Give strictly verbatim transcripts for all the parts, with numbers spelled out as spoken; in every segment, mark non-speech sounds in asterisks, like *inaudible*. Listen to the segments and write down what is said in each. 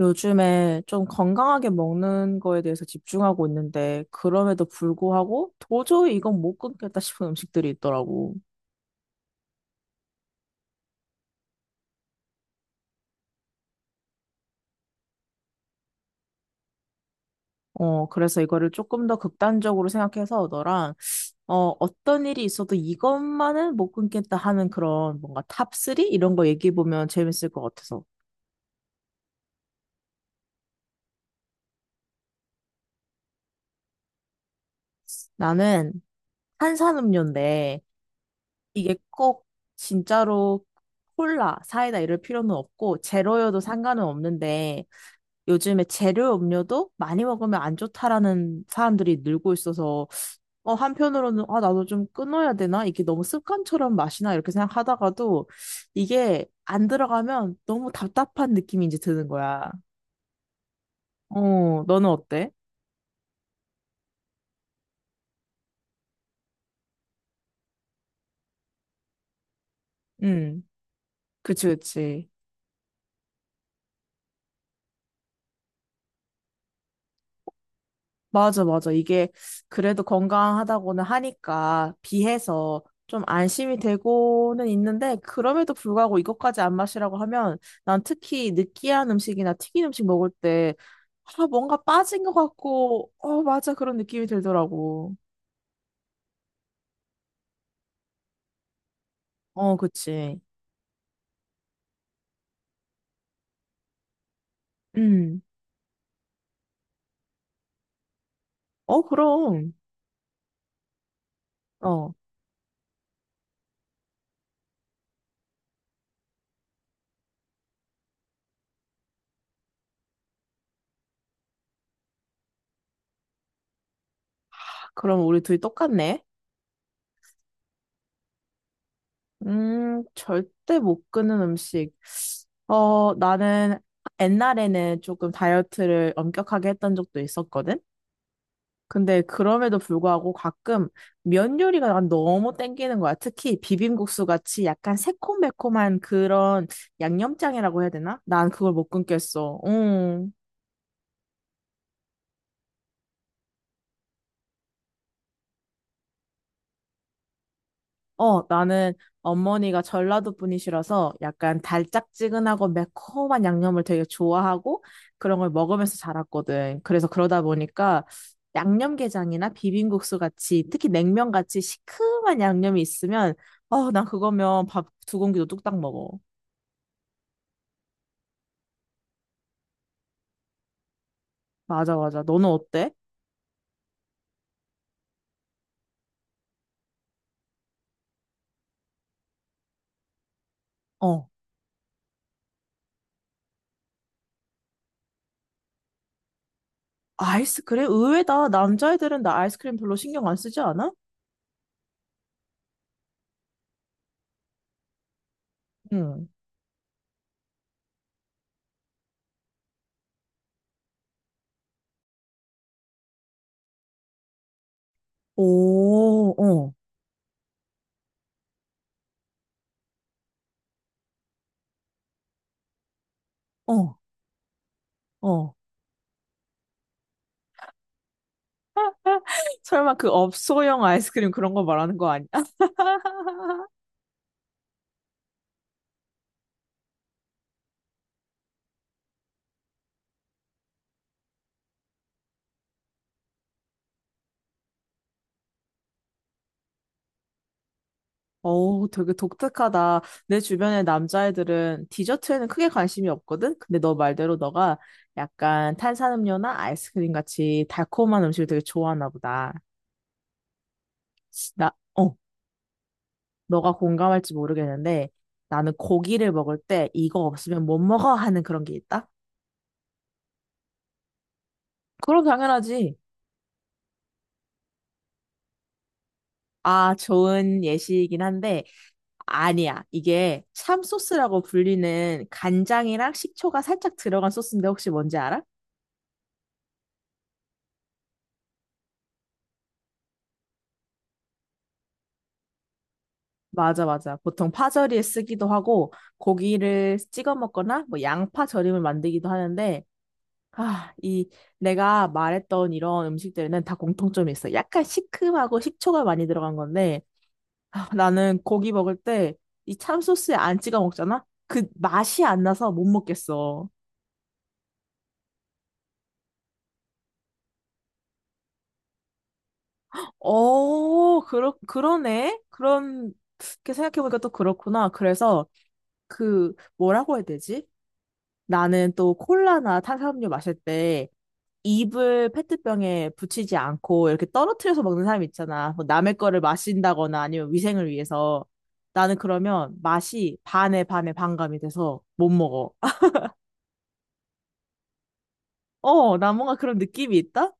요즘에 좀 건강하게 먹는 거에 대해서 집중하고 있는데, 그럼에도 불구하고 도저히 이건 못 끊겠다 싶은 음식들이 있더라고. 어, 그래서 이거를 조금 더 극단적으로 생각해서 너랑, 어, 어떤 일이 있어도 이것만은 못 끊겠다 하는 그런 뭔가 탑쓰리? 이런 거 얘기해보면 재밌을 것 같아서. 나는 탄산음료인데, 이게 꼭 진짜로 콜라, 사이다 이럴 필요는 없고, 제로여도 상관은 없는데, 요즘에 재료 음료도 많이 먹으면 안 좋다라는 사람들이 늘고 있어서 어 한편으로는 아 나도 좀 끊어야 되나 이게 너무 습관처럼 마시나 이렇게 생각하다가도 이게 안 들어가면 너무 답답한 느낌이 이제 드는 거야. 어, 너는 어때? 음, 그치 그치. 맞아, 맞아. 이게 그래도 건강하다고는 하니까 비해서 좀 안심이 되고는 있는데, 그럼에도 불구하고 이것까지 안 마시라고 하면, 난 특히 느끼한 음식이나 튀긴 음식 먹을 때, 아, 뭔가 빠진 것 같고, 어, 맞아. 그런 느낌이 들더라고. 어, 그치. 음. 어, 그럼. 어. 그럼 우리 둘이 똑같네. 음, 절대 못 끊는 음식. 어, 나는 옛날에는 조금 다이어트를 엄격하게 했던 적도 있었거든? 근데 그럼에도 불구하고 가끔 면 요리가 난 너무 땡기는 거야. 특히 비빔국수 같이 약간 새콤매콤한 그런 양념장이라고 해야 되나? 난 그걸 못 끊겠어. 응. 어, 나는 어머니가 전라도 분이시라서 약간 달짝지근하고 매콤한 양념을 되게 좋아하고 그런 걸 먹으면서 자랐거든. 그래서 그러다 보니까 양념게장이나 비빔국수 같이 특히 냉면 같이 시큼한 양념이 있으면 어, 난 그거면 밥 두 공기도 뚝딱 먹어. 맞아, 맞아. 너는 어때? 어. 아이스크림? 의외다. 남자애들은 나 아이스크림 별로 신경 안 쓰지 않아? 응. 오, 어, 어, 어. 설마 그 업소형 아이스크림 그런 거 말하는 거 아니야? *laughs* 어우, 되게 독특하다. 내 주변의 남자애들은 디저트에는 크게 관심이 없거든? 근데 너 말대로 너가 약간 탄산음료나 아이스크림 같이 달콤한 음식을 되게 좋아하나 보다. 나, 어, 너가 공감할지 모르겠는데 나는 고기를 먹을 때 이거 없으면 못 먹어 하는 그런 게 있다? 그럼 당연하지. 아, 좋은 예시이긴 한데 아니야. 이게 참 소스라고 불리는 간장이랑 식초가 살짝 들어간 소스인데 혹시 뭔지 알아? 맞아, 맞아. 보통 파절이에 쓰기도 하고 고기를 찍어 먹거나 뭐 양파 절임을 만들기도 하는데 아, 이 내가 말했던 이런 음식들은 다 공통점이 있어. 약간 시큼하고 식초가 많이 들어간 건데 아, 나는 고기 먹을 때 이 참소스에 안 찍어 먹잖아? 그 맛이 안 나서 못 먹겠어. 어, 그러, 그러네. 그런, 이렇게 생각해보니까 또 그렇구나. 그래서 그, 뭐라고 해야 되지? 나는 또 콜라나 탄산음료 마실 때 입을 페트병에 붙이지 않고 이렇게 떨어뜨려서 먹는 사람 있잖아. 뭐 남의 거를 마신다거나 아니면 위생을 위해서. 나는 그러면 맛이 반에 반에 반감이 돼서 못 먹어. *laughs* 어, 나 뭔가 그런 느낌이 있다?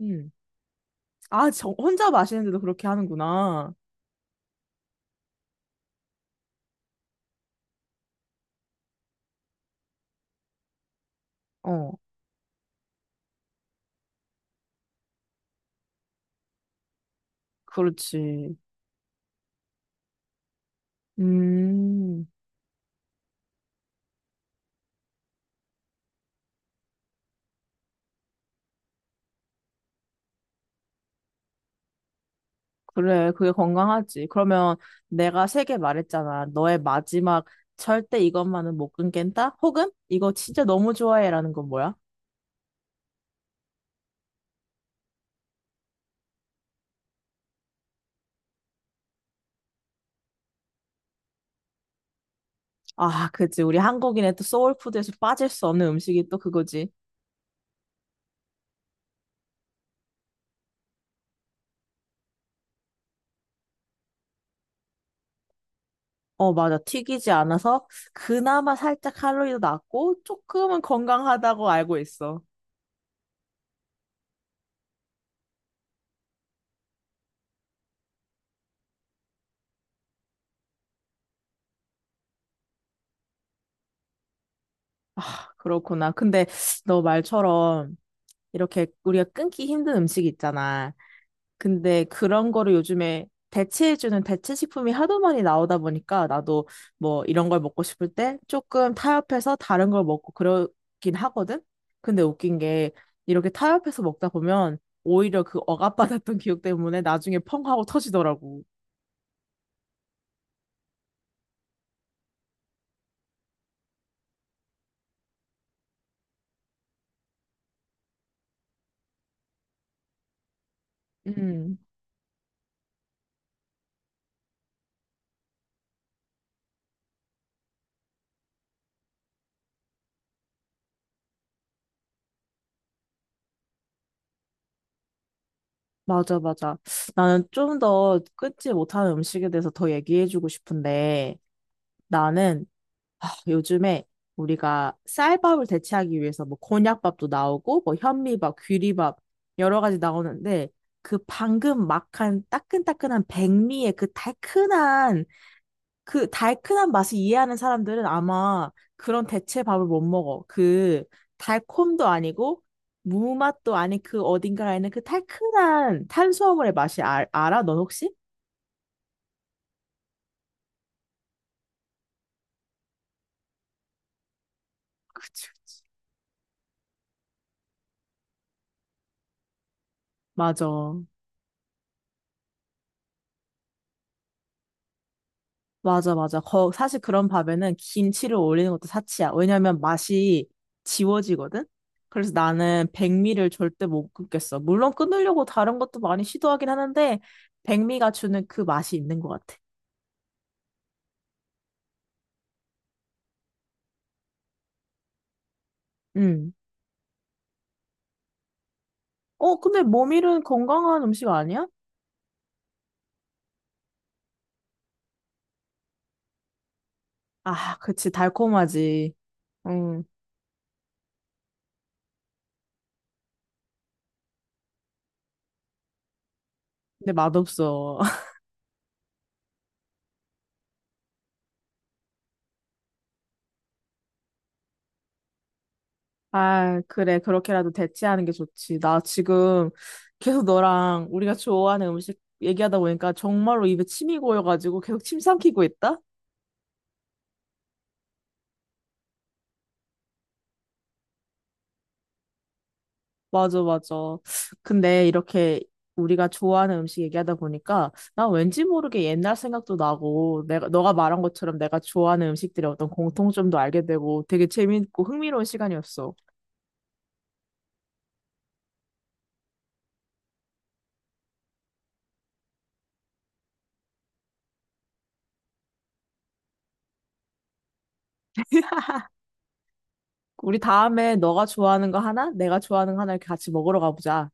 음. 아, 저 혼자 마시는데도 그렇게 하는구나. 어, 그렇지. 음. 그래, 그게 건강하지. 그러면 내가 세 개 말했잖아. 너의 마지막 절대 이것만은 못 끊겠다? 혹은 이거 진짜 너무 좋아해라는 건 뭐야? 아, 그치. 우리 한국인의 또 소울푸드에서 빠질 수 없는 음식이 또 그거지. 어, 맞아. 튀기지 않아서 그나마 살짝 칼로리도 낮고 조금은 건강하다고 알고 있어. 아, 그렇구나. 근데 너 말처럼 이렇게 우리가 끊기 힘든 음식 있잖아. 근데 그런 거를 요즘에 대체해주는 대체 식품이 하도 많이 나오다 보니까 나도 뭐 이런 걸 먹고 싶을 때 조금 타협해서 다른 걸 먹고 그러긴 하거든? 근데 웃긴 게 이렇게 타협해서 먹다 보면 오히려 그 억압받았던 *laughs* 기억 때문에 나중에 펑 하고 터지더라고. 음, 맞아, 맞아. 나는 좀 더 끊지 못하는 음식에 대해서 더 얘기해주고 싶은데 나는 요즘에 우리가 쌀밥을 대체하기 위해서 뭐 곤약밥도 나오고 뭐 현미밥, 귀리밥 여러 가지 나오는데 그 방금 막한 따끈따끈한 백미의 그 달큰한 그 달큰한 맛을 이해하는 사람들은 아마 그런 대체 밥을 못 먹어. 그 달콤도 아니고 무맛도 아닌 그 어딘가에 있는 그 달큰한 탄수화물의 맛이 알, 알아? 넌 혹시? 그치, 그치. 맞아. 맞아, 맞아. 거, 사실 그런 밥에는 김치를 올리는 것도 사치야. 왜냐면 맛이 지워지거든? 그래서 나는 백미를 절대 못 끊겠어. 물론 끊으려고 다른 것도 많이 시도하긴 하는데, 백미가 주는 그 맛이 있는 것 같아. 음. 어, 근데 모밀은 건강한 음식 아니야? 아, 그치. 달콤하지. 음. 근데 맛없어. 아, 그래. 그렇게라도 대체하는 게 좋지. 나 지금 계속 너랑 우리가 좋아하는 음식 얘기하다 보니까 정말로 입에 침이 고여가지고 계속 침 삼키고 있다? 맞아, 맞아. 근데 이렇게 우리가 좋아하는 음식 얘기하다 보니까 난 왠지 모르게 옛날 생각도 나고 내가, 너가 말한 것처럼 내가 좋아하는 음식들의 어떤 공통점도 알게 되고 되게 재밌고 흥미로운 시간이었어. *laughs* 우리 다음에 너가 좋아하는 거 하나, 내가 좋아하는 거 하나 이렇게 같이 먹으러 가보자.